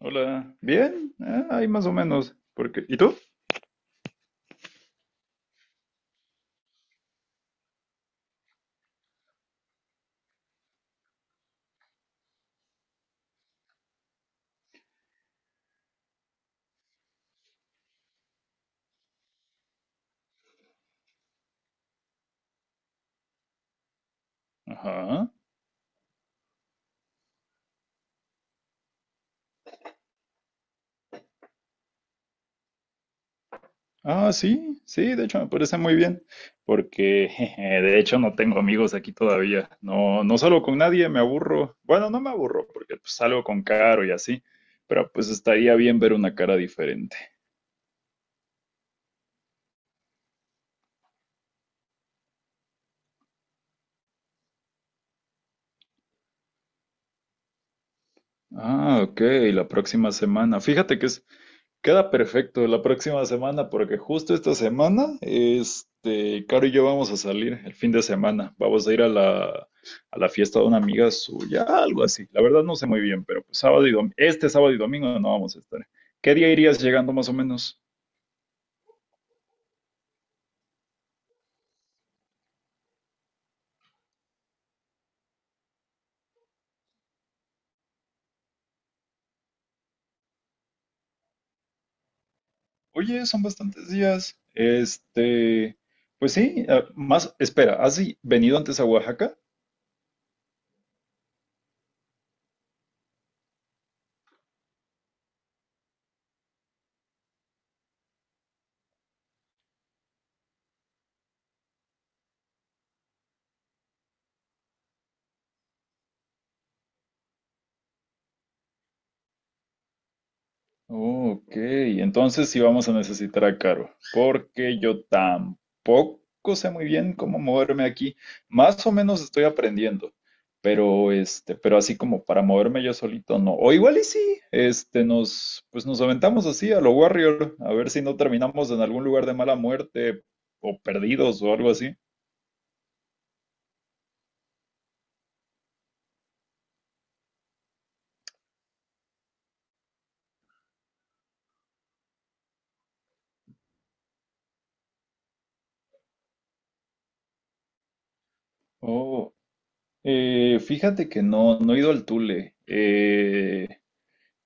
Hola, bien, ahí más o menos. Porque, ¿y tú? Ajá. Ah, sí, sí, de hecho me parece muy bien, porque jeje, de hecho no tengo amigos aquí todavía. No, no salgo con nadie, me aburro. Bueno, no me aburro, porque pues, salgo con Caro y así, pero pues estaría bien ver una cara diferente. Ah, ok, la próxima semana. Fíjate que es... Queda perfecto la próxima semana porque justo esta semana, Caro y yo vamos a salir el fin de semana. Vamos a ir a la fiesta de una amiga suya, algo así. La verdad no sé muy bien, pero pues sábado y domingo, este sábado y domingo no vamos a estar. ¿Qué día irías llegando más o menos? Oye, son bastantes días. Pues sí, más, espera, ¿has venido antes a Oaxaca? Ok, entonces sí vamos a necesitar a Caro, porque yo tampoco sé muy bien cómo moverme aquí. Más o menos estoy aprendiendo, pero así como para moverme yo solito no. O igual y sí, pues nos aventamos así a lo Warrior, a ver si no terminamos en algún lugar de mala muerte o perdidos o algo así. Oh, fíjate que no, no he ido al Tule.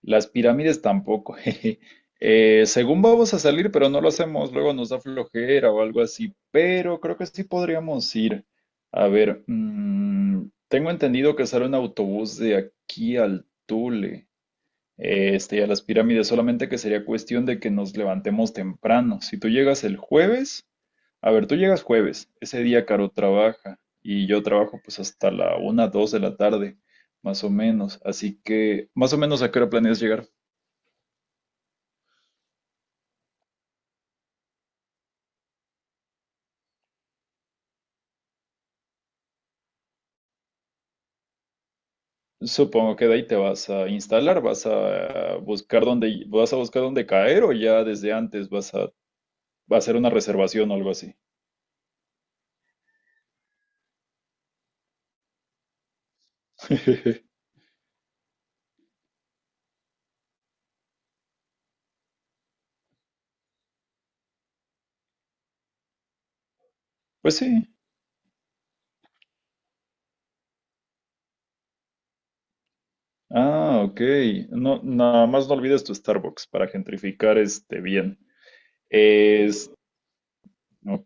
Las pirámides tampoco. jeje. Según vamos a salir, pero no lo hacemos, luego nos da flojera o algo así, pero creo que sí podríamos ir. A ver, tengo entendido que sale un autobús de aquí al Tule, y a las pirámides, solamente que sería cuestión de que nos levantemos temprano. Si tú llegas el jueves, A ver, tú llegas jueves, ese día Caro trabaja y yo trabajo pues hasta la 1, 2 de la tarde, más o menos. Así que más o menos a qué hora planeas llegar. Supongo que de ahí te vas a instalar, vas a buscar dónde caer, o ya desde antes vas a hacer una reservación o algo así. Pues sí. Ah, ok. No, nada más no olvides tu Starbucks para gentrificar este bien. Es, ok.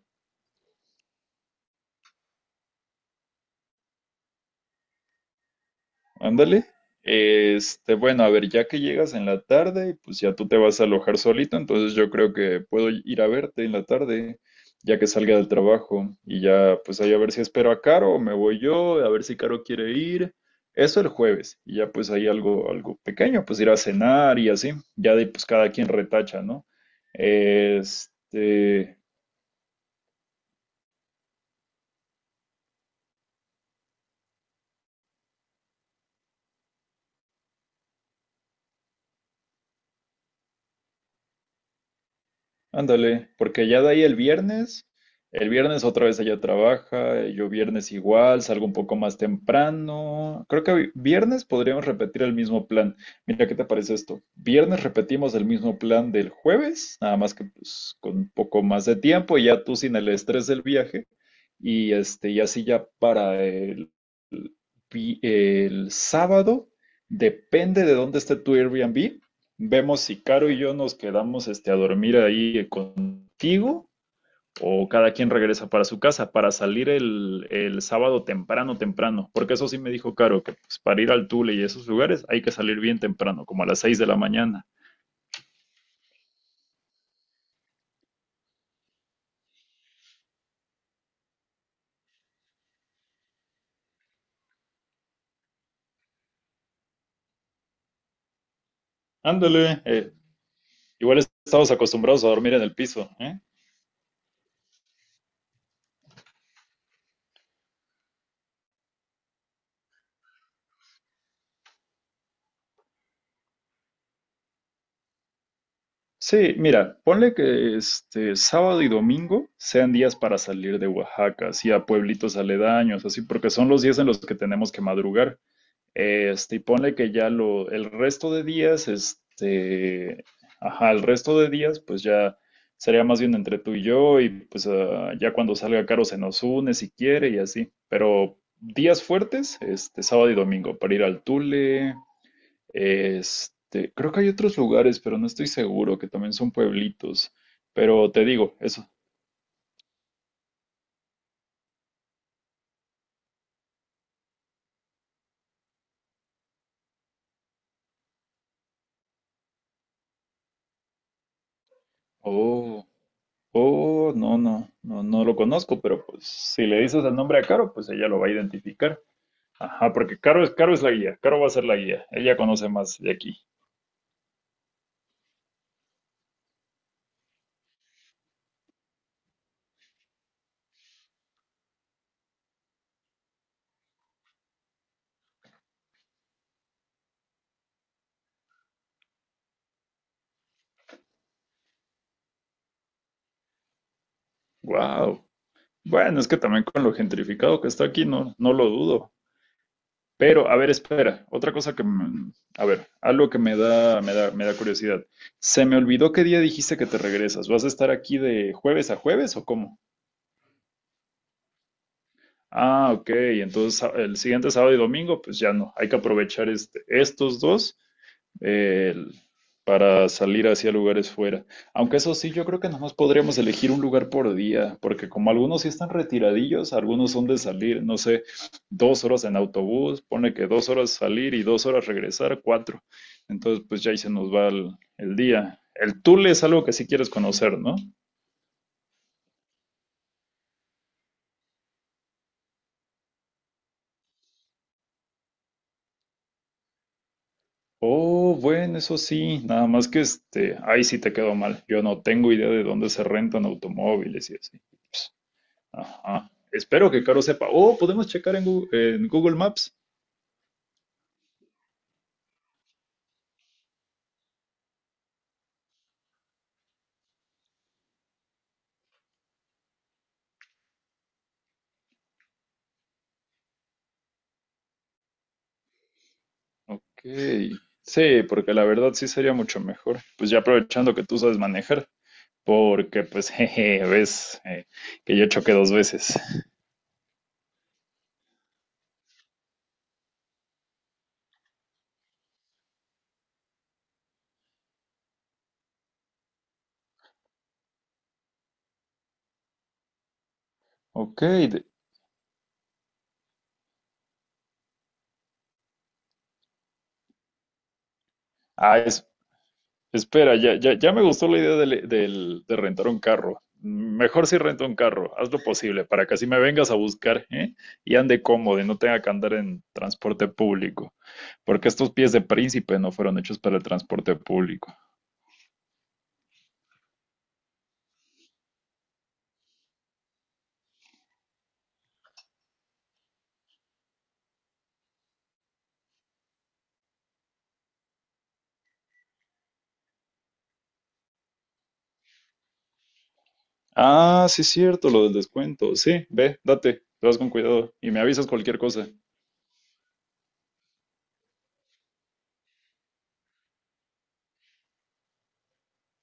Ándale. Bueno, a ver, ya que llegas en la tarde, pues ya tú te vas a alojar solito. Entonces yo creo que puedo ir a verte en la tarde, ya que salga del trabajo. Y ya, pues ahí a ver si espero a Caro o me voy yo, a ver si Caro quiere ir. Eso el jueves. Y ya pues ahí algo pequeño, pues ir a cenar y así. Ya de ahí, pues cada quien retacha, ¿no? Este, Ándale, porque ya de ahí el viernes otra vez ella trabaja. Yo viernes igual, salgo un poco más temprano. Creo que viernes podríamos repetir el mismo plan. Mira, ¿qué te parece esto? Viernes repetimos el mismo plan del jueves, nada más que pues con un poco más de tiempo, y ya tú sin el estrés del viaje. Y así ya para el el sábado, depende de dónde esté tu Airbnb. Vemos si Caro y yo nos quedamos a dormir ahí contigo, o cada quien regresa para su casa para salir el sábado temprano, temprano. Porque eso sí me dijo Caro, que pues, para ir al Tule y esos lugares hay que salir bien temprano, como a las 6 de la mañana. Ándale. Igual estamos acostumbrados a dormir en el piso, ¿eh? Sí, mira, ponle que este sábado y domingo sean días para salir de Oaxaca, así a pueblitos aledaños, así porque son los días en los que tenemos que madrugar. Y ponle que el resto de días, ajá, el resto de días, pues ya sería más bien entre tú y yo, y pues ya cuando salga Caro se nos une si quiere y así. Pero días fuertes, sábado y domingo, para ir al Tule. Creo que hay otros lugares, pero no estoy seguro, que también son pueblitos. Pero te digo, eso. Oh, oh, no, no, no, no lo conozco, pero pues si le dices el nombre a Caro, pues ella lo va a identificar. Ajá, porque Caro es la guía. Caro va a ser la guía, ella conoce más de aquí. Wow. Bueno, es que también con lo gentrificado que está aquí, no, no lo dudo. Pero, a ver, espera, otra cosa a ver, algo que me da curiosidad. Se me olvidó qué día dijiste que te regresas. ¿Vas a estar aquí de jueves a jueves o cómo? Ah, ok. Entonces el siguiente sábado y domingo, pues ya no. Hay que aprovechar estos dos, el- para salir hacia lugares fuera. Aunque eso sí, yo creo que nomás podríamos elegir un lugar por día, porque como algunos sí están retiradillos, algunos son de salir, no sé, 2 horas en autobús. Pone que 2 horas salir y 2 horas regresar, 4. Entonces, pues ya ahí se nos va el día. El Tule es algo que sí quieres conocer, ¿no? Oh, bueno, eso sí, nada más que ahí sí te quedó mal. Yo no tengo idea de dónde se rentan automóviles y así. Ps, Ajá. Espero que Caro sepa. Oh, podemos checar en en Google Maps. Ok. Sí, porque la verdad sí sería mucho mejor. Pues ya aprovechando que tú sabes manejar, porque pues jeje, ves que yo choqué 2 veces. Ok. Ah, espera, ya, ya, ya me gustó la idea de rentar un carro. Mejor si rento un carro, haz lo posible para que así me vengas a buscar, ¿eh? Y ande cómodo y no tenga que andar en transporte público, porque estos pies de príncipe no fueron hechos para el transporte público. Ah, sí, es cierto, lo del descuento. Sí, ve, date, te vas con cuidado y me avisas cualquier cosa.